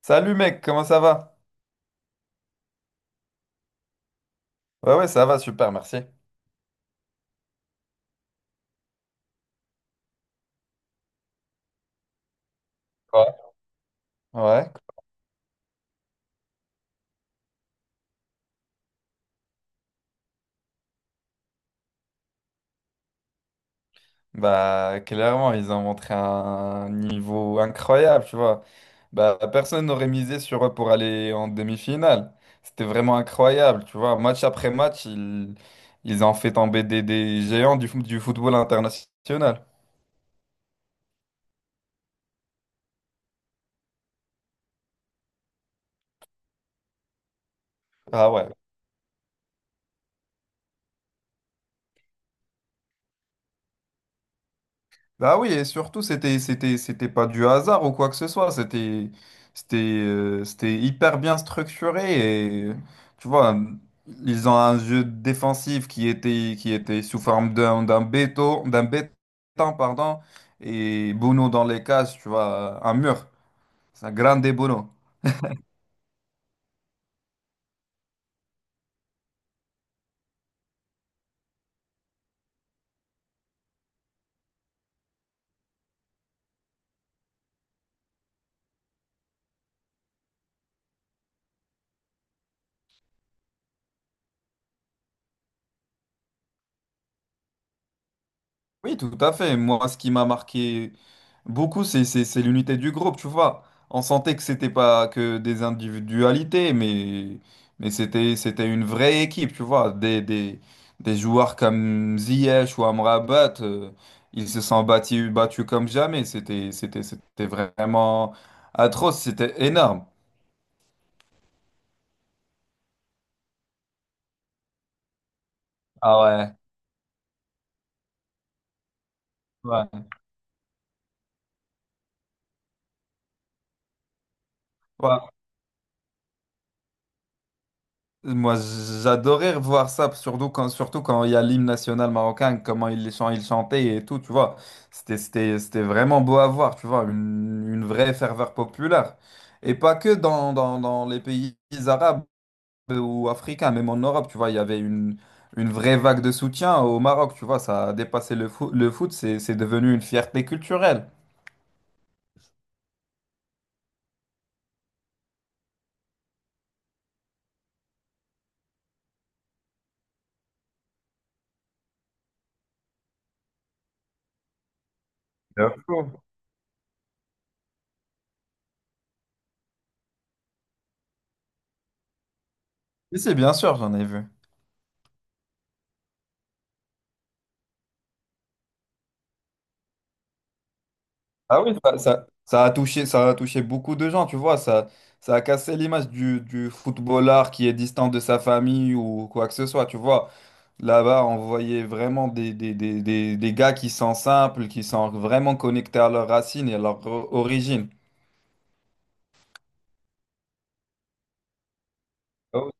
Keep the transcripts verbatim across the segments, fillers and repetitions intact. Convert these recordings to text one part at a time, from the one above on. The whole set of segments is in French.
Salut mec, comment ça va? Ouais, ouais, ça va, super, merci. Ouais. Ouais, bah clairement, ils ont montré un niveau incroyable, tu vois. Bah personne n'aurait misé sur eux pour aller en demi-finale. C'était vraiment incroyable, tu vois. Match après match, ils, ils ont fait tomber des, des géants du, fo- du football international. Ah ouais. Bah oui, et surtout, c'était, c'était, c'était pas du hasard ou quoi que ce soit. C'était, c'était, euh, c'était hyper bien structuré et tu vois, ils ont un jeu défensif qui était, qui était sous forme d'un, d'un béton, d'un béton, pardon, et Bono dans les cases, tu vois, un mur. C'est un grande Bono. Oui, tout à fait. Moi, ce qui m'a marqué beaucoup, c'est c'est- c'est l'unité du groupe, tu vois. On sentait que c'était pas que des individualités, mais, mais c'était c'était une vraie équipe, tu vois. Des, des, des joueurs comme Ziyech ou Amrabat, euh, ils se sont battus, battus comme jamais. C'était c'était c'était vraiment atroce, c'était énorme. Ah ouais. Ouais. Ouais. Moi, j'adorais revoir ça, surtout quand, surtout quand il y a l'hymne national marocain, comment ils les chan- ils chantaient et tout, tu vois. C'était, c'était, c'était vraiment beau à voir, tu vois, une, une vraie ferveur populaire. Et pas que dans, dans, dans les pays arabes ou africains, même en Europe, tu vois, il y avait une, une vraie vague de soutien au Maroc, tu vois, ça a dépassé le foot, le foot, c'est, c'est devenu une fierté culturelle. De fou. Et c'est bien sûr, j'en ai vu. Ah oui, ça, ça- ça a touché, ça a touché beaucoup de gens, tu vois, ça, ça a cassé l'image du, du footballeur qui est distant de sa famille ou quoi que ce soit, tu vois. Là-bas, on voyait vraiment des, des, des, des, des gars qui sont simples, qui sont vraiment connectés à leurs racines et à leur o- origine. Ah oui.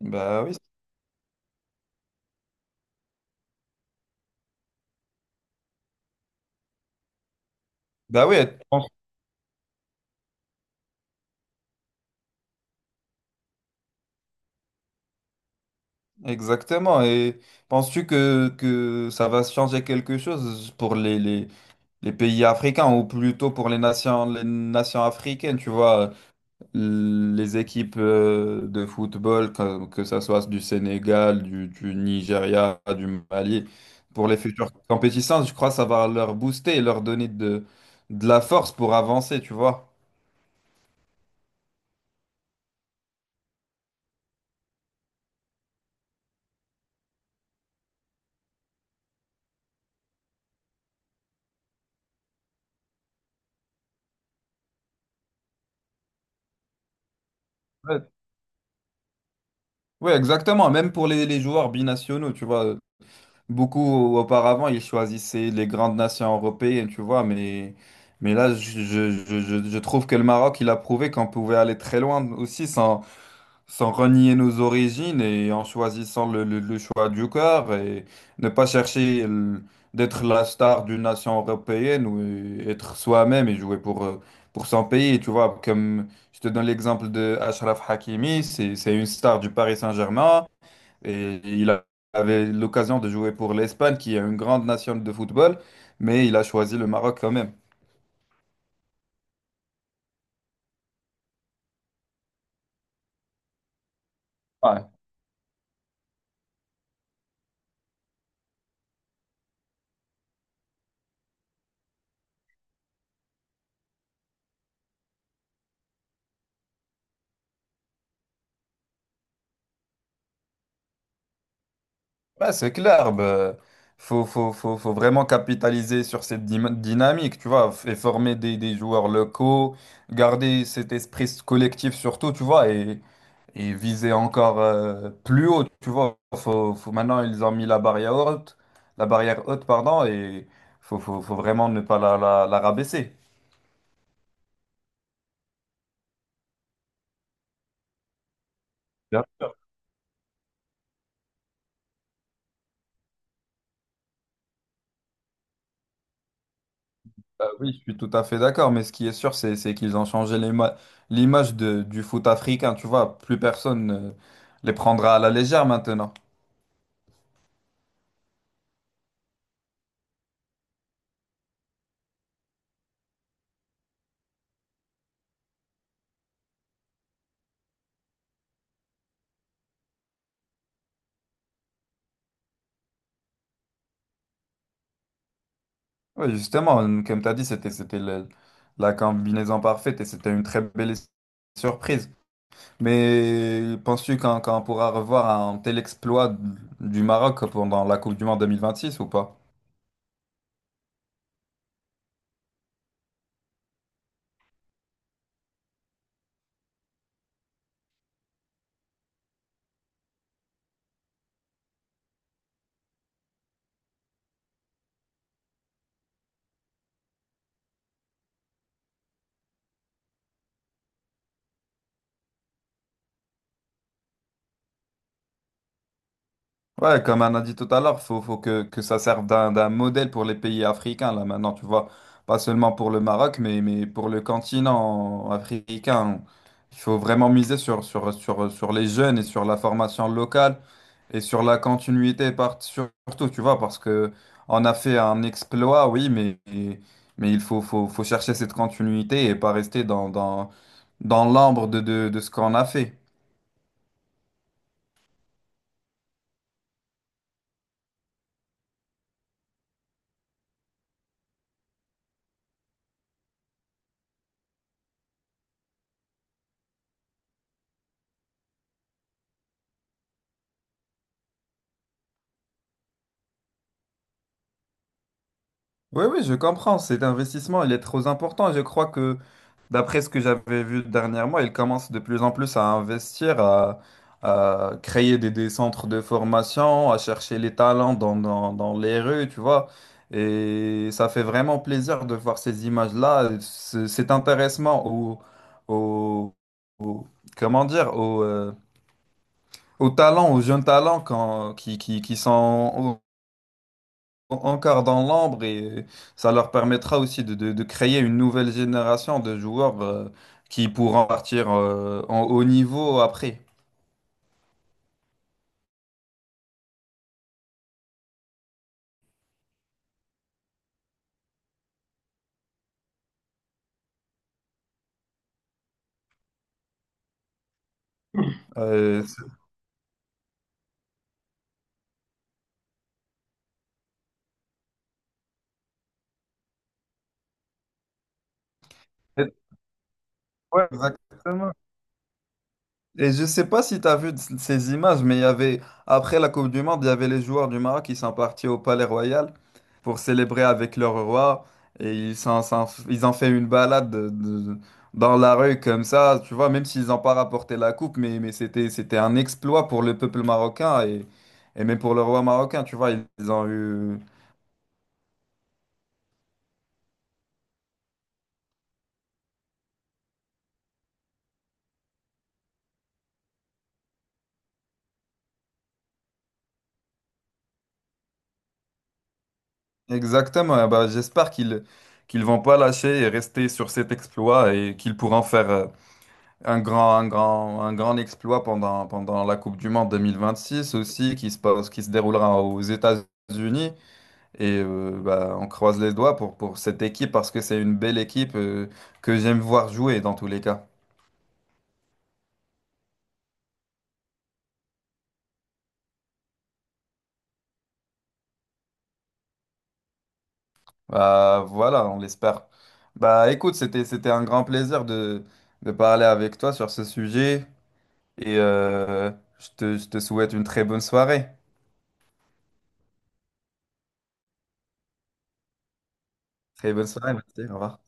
Bah oui, bah oui, et exactement. Et penses-tu que, que ça va changer quelque chose pour les, les, les pays africains ou plutôt pour les nations, les nations africaines, tu vois? Les équipes euh, de football, que, que ça soit du Sénégal, du, du Nigeria, du Mali, pour les futures compétitions, je crois que ça va leur booster et leur donner de, de la force pour avancer, tu vois. Ouais, Ouais, exactement. Même pour les, les joueurs binationaux, tu vois. Beaucoup auparavant, ils choisissaient les grandes nations européennes, tu vois. Mais, mais là, je, je, je, je je trouve que le Maroc, il a prouvé qu'on pouvait aller très loin aussi sans, sans renier nos origines et en choisissant le, le- le choix du cœur et ne pas chercher le- d'être la star d'une nation européenne ou euh, être soi-même et jouer pour, euh, pour son pays. Tu vois, comme je te donne l'exemple de Achraf Hakimi, c'est, c'est une star du Paris Saint-Germain et il a- avait l'occasion de jouer pour l'Espagne qui est une grande nation de football, mais il a choisi le Maroc quand même. Bah, c'est clair, bah, faut, faut, faut, faut vraiment capitaliser sur cette dyma- dynamique, tu vois, et former des, des joueurs locaux, garder cet esprit collectif surtout, tu vois, et, et viser encore euh, plus haut, tu vois. Faut, faut, maintenant, ils ont mis la barrière haute, la barrière haute, pardon, et faut, faut, faut vraiment ne pas la, la, la rabaisser. Bien. Bah oui, je suis tout à fait d'accord, mais ce qui est sûr, c'est c'est qu'ils ont changé l'ima- l'image de- du foot africain, tu vois, plus personne ne les prendra à la légère maintenant. Oui, justement, comme tu as dit, c'était c'était le- la combinaison parfaite et c'était une très belle surprise. Mais penses-tu qu'on qu'on pourra revoir un tel exploit du Maroc pendant la Coupe du Monde deux mille vingt-six ou pas? Ouais, comme on a dit tout à l'heure, faut, faut que, que ça serve d'un d'un modèle pour les pays africains, là, maintenant, tu vois. Pas seulement pour le Maroc, mais, mais pour le continent africain. Il faut vraiment miser sur, sur, sur, sur les jeunes et sur la formation locale et sur la continuité, par- surtout, tu vois, parce que on a fait un exploit, oui, mais, mais il faut, faut, faut chercher cette continuité et pas rester dans, dans, dans l'ambre de, de, de ce qu'on a fait. Oui, oui, je comprends. Cet investissement, il est trop important. Je crois que d'après ce que j'avais vu dernièrement, ils commencent de plus en plus à investir, à, à créer des, des centres de formation, à chercher les talents dans, dans- dans les rues, tu vois. Et ça fait vraiment plaisir de voir ces images-là, ce- cet intéressement au, au- au- comment dire, au, euh, aux talents, aux jeunes talents quand- qui, qui, qui sont encore dans l'ombre et euh, ça leur permettra aussi de, de- de créer une nouvelle génération de joueurs euh, qui pourront partir euh, en haut niveau après. Euh, c'est- ouais, exactement. Et je sais pas si tu as vu c- ces images, mais il y avait, après la Coupe du Monde, il y avait les joueurs du Maroc qui sont partis au Palais Royal pour célébrer avec leur roi. Et ils s'en- s'en- ils ont fait une balade de- de- dans la rue comme ça, tu vois, même s'ils n'ont pas rapporté la coupe, mais, mais c'était, c'était un exploit pour le peuple marocain et, et même pour le roi marocain, tu vois, ils ont eu... Exactement, eh ben, j'espère qu'ils qu'ils vont pas lâcher et rester sur cet exploit et qu'ils pourront faire... euh, un grand, un grand, un grand exploit pendant, pendant la Coupe du Monde deux mille vingt-six aussi, qui se passe, qui se déroulera aux États-Unis. Et euh, bah, on croise les doigts pour, pour cette équipe parce que c'est une belle équipe euh, que j'aime voir jouer dans tous les cas. Bah, voilà, on l'espère. Bah, écoute, c'était, c'était un grand plaisir de, de parler avec toi sur ce sujet. Et euh, je te, je te souhaite une très bonne soirée. Très bonne soirée, merci. Au revoir.